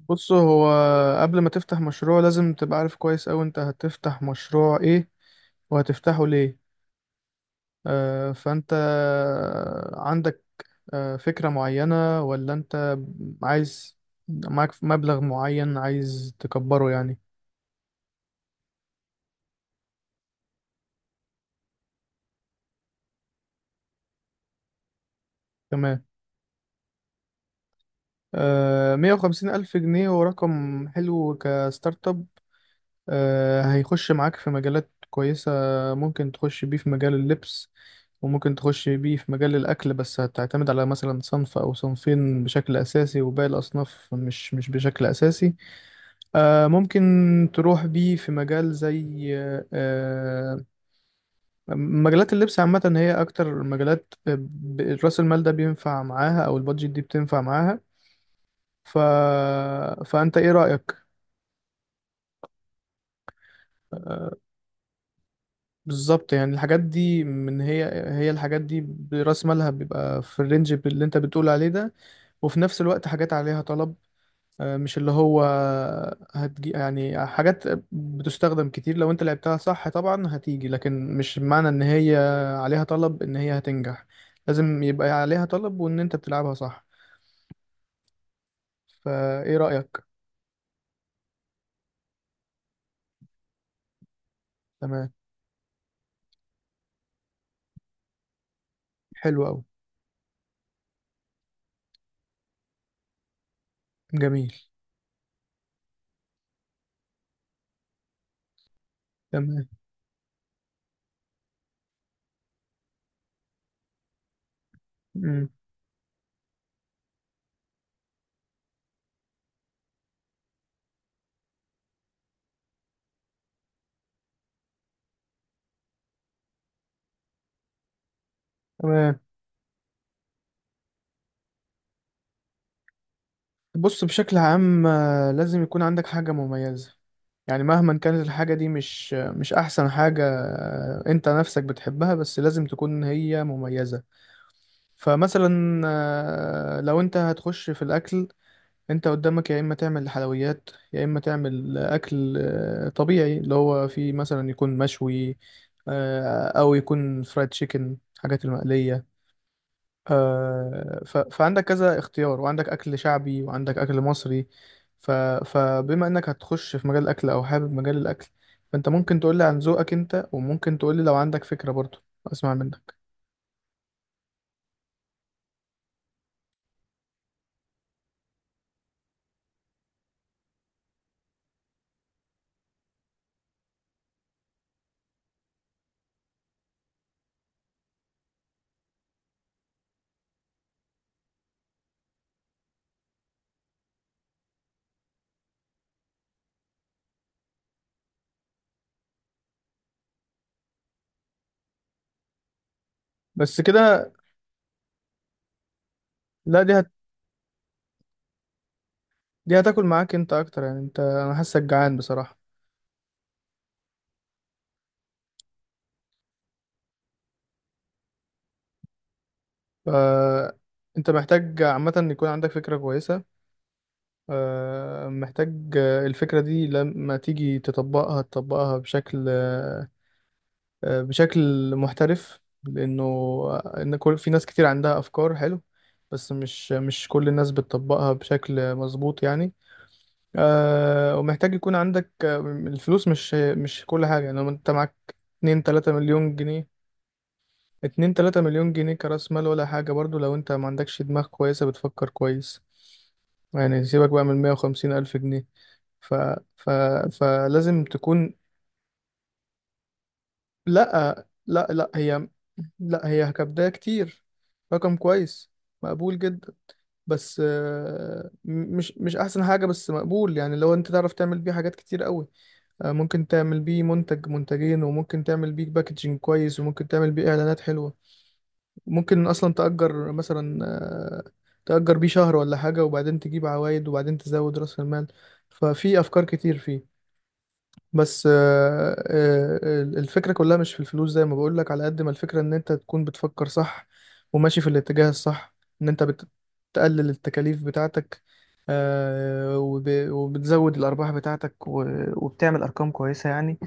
بص، هو قبل ما تفتح مشروع لازم تبقى عارف كويس أوي انت هتفتح مشروع ايه وهتفتحه ليه. فانت عندك فكرة معينة، ولا انت عايز، معاك مبلغ معين عايز تكبره يعني؟ تمام. مية وخمسين ألف جنيه هو رقم حلو كستارت اب. هيخش معاك في مجالات كويسة. ممكن تخش بيه في مجال اللبس، وممكن تخش بيه في مجال الأكل، بس هتعتمد على مثلا صنف أو صنفين بشكل أساسي، وباقي الأصناف مش بشكل أساسي. ممكن تروح بيه في مجال زي آه، مجالات اللبس عامة، هي أكتر مجالات رأس المال ده بينفع معاها أو البادجت دي بتنفع معاها. ف... فأنت إيه رأيك؟ بالظبط، يعني الحاجات دي من هي هي الحاجات دي برأس مالها بيبقى في الرينج اللي انت بتقول عليه ده، وفي نفس الوقت حاجات عليها طلب. مش اللي هو هتجي يعني حاجات بتستخدم كتير، لو انت لعبتها صح طبعا هتيجي، لكن مش معنى ان هي عليها طلب ان هي هتنجح. لازم يبقى عليها طلب وان انت بتلعبها صح. فايه رأيك؟ تمام. حلو أوي. جميل. تمام. مم. تمام. بص، بشكل عام لازم يكون عندك حاجة مميزة. يعني مهما كانت الحاجة دي مش أحسن حاجة، أنت نفسك بتحبها، بس لازم تكون هي مميزة. فمثلا لو أنت هتخش في الأكل، أنت قدامك يا إما تعمل حلويات، يا إما تعمل أكل طبيعي اللي هو فيه مثلا يكون مشوي، أو يكون فرايد تشيكن، حاجات المقلية. فعندك كذا اختيار، وعندك أكل شعبي، وعندك أكل مصري. ف... فبما إنك هتخش في مجال الأكل، أو حابب مجال الأكل، فأنت ممكن تقولي عن ذوقك أنت، وممكن تقولي لو عندك فكرة برضو. أسمع منك. بس كده؟ لا، دي هتاكل معاك أنت أكتر، يعني أنا حاسك جعان بصراحة. ف... أنت محتاج عامة إن يكون عندك فكرة كويسة، محتاج الفكرة دي لما تيجي تطبقها، تطبقها بشكل محترف. لانه آه، ان كل في ناس كتير عندها افكار حلو، بس مش كل الناس بتطبقها بشكل مظبوط يعني. ومحتاج يكون عندك الفلوس، مش كل حاجة. يعني لو انت معاك 2 3 مليون جنيه، 2 3 مليون جنيه كرأس مال، ولا حاجة برضو لو انت ما عندكش دماغ كويسة بتفكر كويس. يعني سيبك بقى من 150 ألف جنيه. ف... ف... فلازم تكون. لا، لا، لا، لا، هي كبداية كتير. رقم كويس. مقبول جدا. بس مش احسن حاجة، بس مقبول. يعني لو انت تعرف تعمل بيه حاجات كتير قوي. ممكن تعمل بيه منتج منتجين، وممكن تعمل بيه باكجينج كويس، وممكن تعمل بيه اعلانات حلوة. ممكن اصلا تأجر مثلا، تأجر بيه شهر ولا حاجة، وبعدين تجيب عوايد، وبعدين تزود رأس المال. ففي افكار كتير فيه، بس الفكرة كلها مش في الفلوس، زي ما بقولك، على قد ما الفكرة ان انت تكون بتفكر صح، وماشي في الاتجاه الصح، ان انت بتقلل التكاليف بتاعتك، وبتزود الارباح بتاعتك، وبتعمل ارقام كويسة يعني.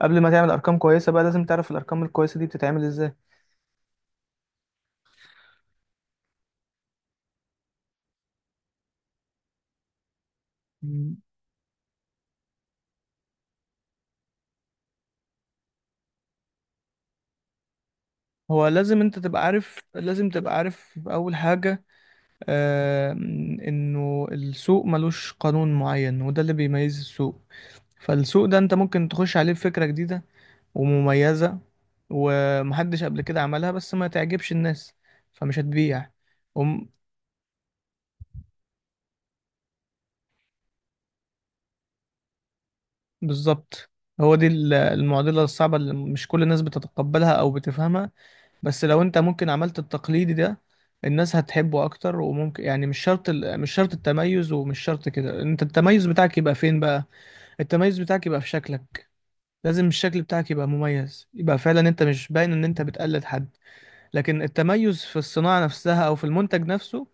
قبل ما تعمل ارقام كويسة بقى، لازم تعرف الارقام الكويسة دي بتتعمل ازاي. مم. هو لازم انت تبقى عارف، لازم تبقى عارف اول حاجة آه، انه السوق ملوش قانون معين، وده اللي بيميز السوق. فالسوق ده انت ممكن تخش عليه بفكرة جديدة ومميزة، ومحدش قبل كده عملها، بس ما تعجبش الناس، فمش هتبيع. وم- بالظبط. هو دي المعضلة الصعبة اللي مش كل الناس بتتقبلها او بتفهمها. بس لو انت ممكن عملت التقليدي ده، الناس هتحبه اكتر، وممكن يعني مش شرط مش شرط التميز، ومش شرط كده. انت التميز بتاعك يبقى فين بقى؟ التميز بتاعك يبقى في شكلك. لازم الشكل بتاعك يبقى مميز، يبقى فعلا انت مش باين ان انت بتقلد حد، لكن التميز في الصناعة نفسها أو في المنتج نفسه.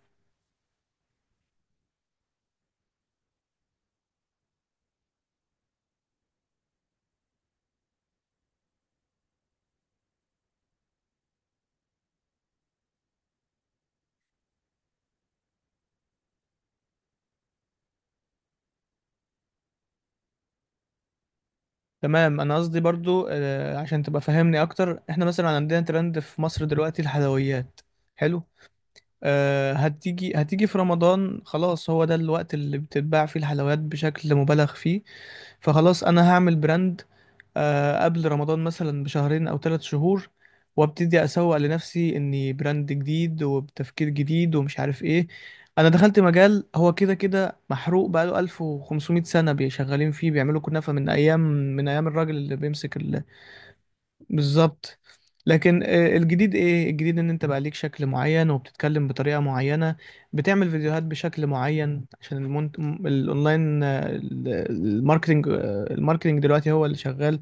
تمام. أنا قصدي برضو، عشان تبقى فاهمني أكتر، إحنا مثلا عندنا ترند في مصر دلوقتي الحلويات. حلو. هتيجي في رمضان، خلاص، هو ده الوقت اللي بتتباع فيه الحلويات بشكل مبالغ فيه. فخلاص، انا هعمل براند قبل رمضان مثلا بشهرين او ثلاث شهور، وابتدي اسوق لنفسي اني براند جديد، وبتفكير جديد، ومش عارف ايه. انا دخلت مجال هو كده كده محروق بقاله 1500 سنة بيشغالين فيه، بيعملوا كنافة من ايام الراجل اللي بيمسك. بالظبط. لكن الجديد ايه؟ الجديد ان انت بقى ليك شكل معين، وبتتكلم بطريقة معينة، بتعمل فيديوهات بشكل معين، عشان الاونلاين، الماركتينج دلوقتي هو اللي شغال.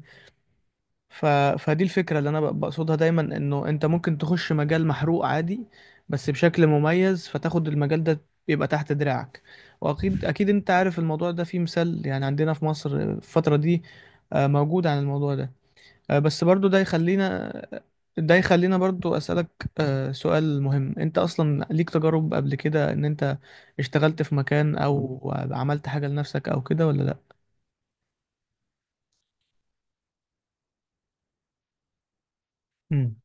ف... فدي الفكرة اللي انا بقصدها دايما، انه انت ممكن تخش مجال محروق عادي، بس بشكل مميز، فتاخد المجال ده يبقى تحت دراعك. واكيد اكيد انت عارف الموضوع ده فيه مثال، يعني عندنا في مصر في الفترة دي موجود عن الموضوع ده، بس برضو ده يخلينا برضو أسألك سؤال مهم. انت اصلا ليك تجارب قبل كده، ان انت اشتغلت في مكان، او عملت حاجة لنفسك او كده، ولا لا؟ امم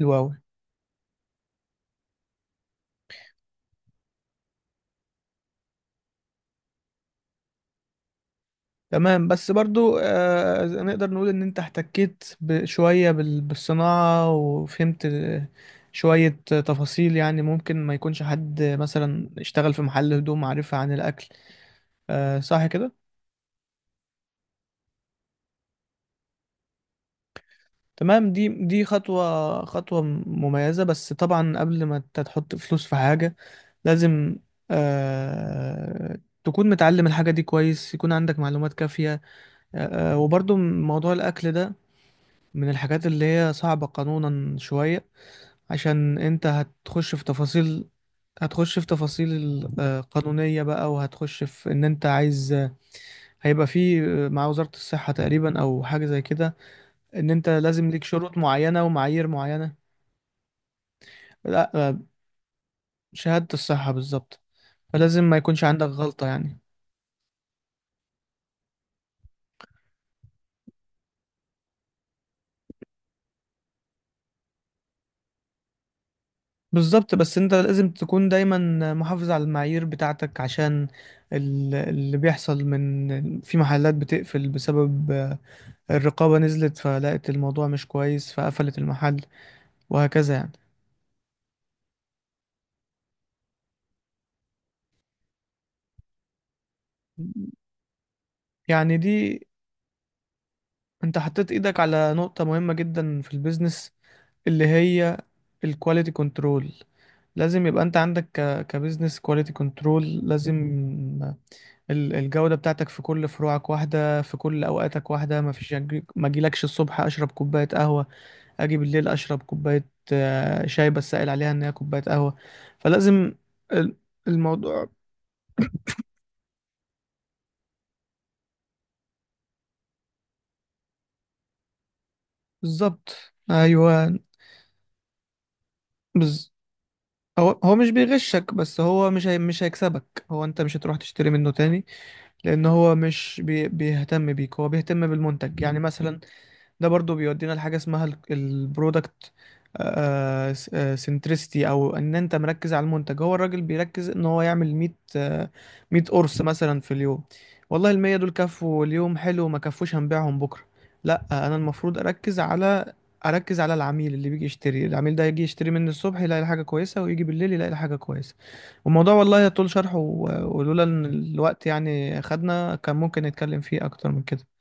حلو أوي. تمام، بس برضو نقدر نقول إن أنت احتكيت شوية بالصناعة، وفهمت شوية تفاصيل. يعني ممكن ما يكونش حد مثلا اشتغل في محل هدوم عارفها عن الأكل، صح كده؟ تمام. دي خطوة خطوة مميزة، بس طبعا قبل ما انت تحط فلوس في حاجة لازم تكون متعلم الحاجة دي كويس، يكون عندك معلومات كافية. وبرضو موضوع الأكل ده من الحاجات اللي هي صعبة قانونا شوية، عشان انت هتخش في تفاصيل قانونية بقى، وهتخش في ان انت عايز، هيبقى في مع وزارة الصحة تقريبا او حاجة زي كده، ان انت لازم ليك شروط معينة ومعايير معينة. لا، شهادة الصحة بالظبط. فلازم ما يكونش عندك غلطة يعني. بالظبط. بس انت لازم تكون دايما محافظ على المعايير بتاعتك، عشان اللي بيحصل من في محلات بتقفل بسبب الرقابة نزلت فلقت الموضوع مش كويس، فقفلت المحل، وهكذا يعني. يعني دي، انت حطيت ايدك على نقطة مهمة جدا في البيزنس، اللي هي الكواليتي كنترول. لازم يبقى انت عندك كبيزنس كواليتي كنترول. لازم الجودة بتاعتك في كل فروعك واحدة، في كل اوقاتك واحدة، ما فيش ما اجيلكش الصبح اشرب كوباية قهوة، اجي بالليل اشرب كوباية شاي بس سائل عليها ان هي كوباية قهوة. فلازم ال- الموضوع. بالظبط، ايوه. بز... هو هو مش بيغشك، بس هو مش هي مش هيكسبك. هو انت مش هتروح تشتري منه تاني، لان هو مش بيهتم بيك، هو بيهتم بالمنتج. يعني مثلا ده برضو بيودينا لحاجة اسمها البرودكت سنترستي، او ان انت مركز على المنتج. هو الراجل بيركز ان هو يعمل 100، آه، 100 قرص مثلا في اليوم، والله المية دول كفوا اليوم، حلو، ما كفوش هنبيعهم بكرة. لا، انا المفروض اركز على العميل اللي بيجي يشتري. العميل ده يجي يشتري مني الصبح يلاقي حاجة كويسة، ويجي بالليل يلاقي حاجة كويسة. والموضوع والله يطول شرحه، ولولا ان الوقت يعني خدنا كان ممكن نتكلم فيه اكتر من كده.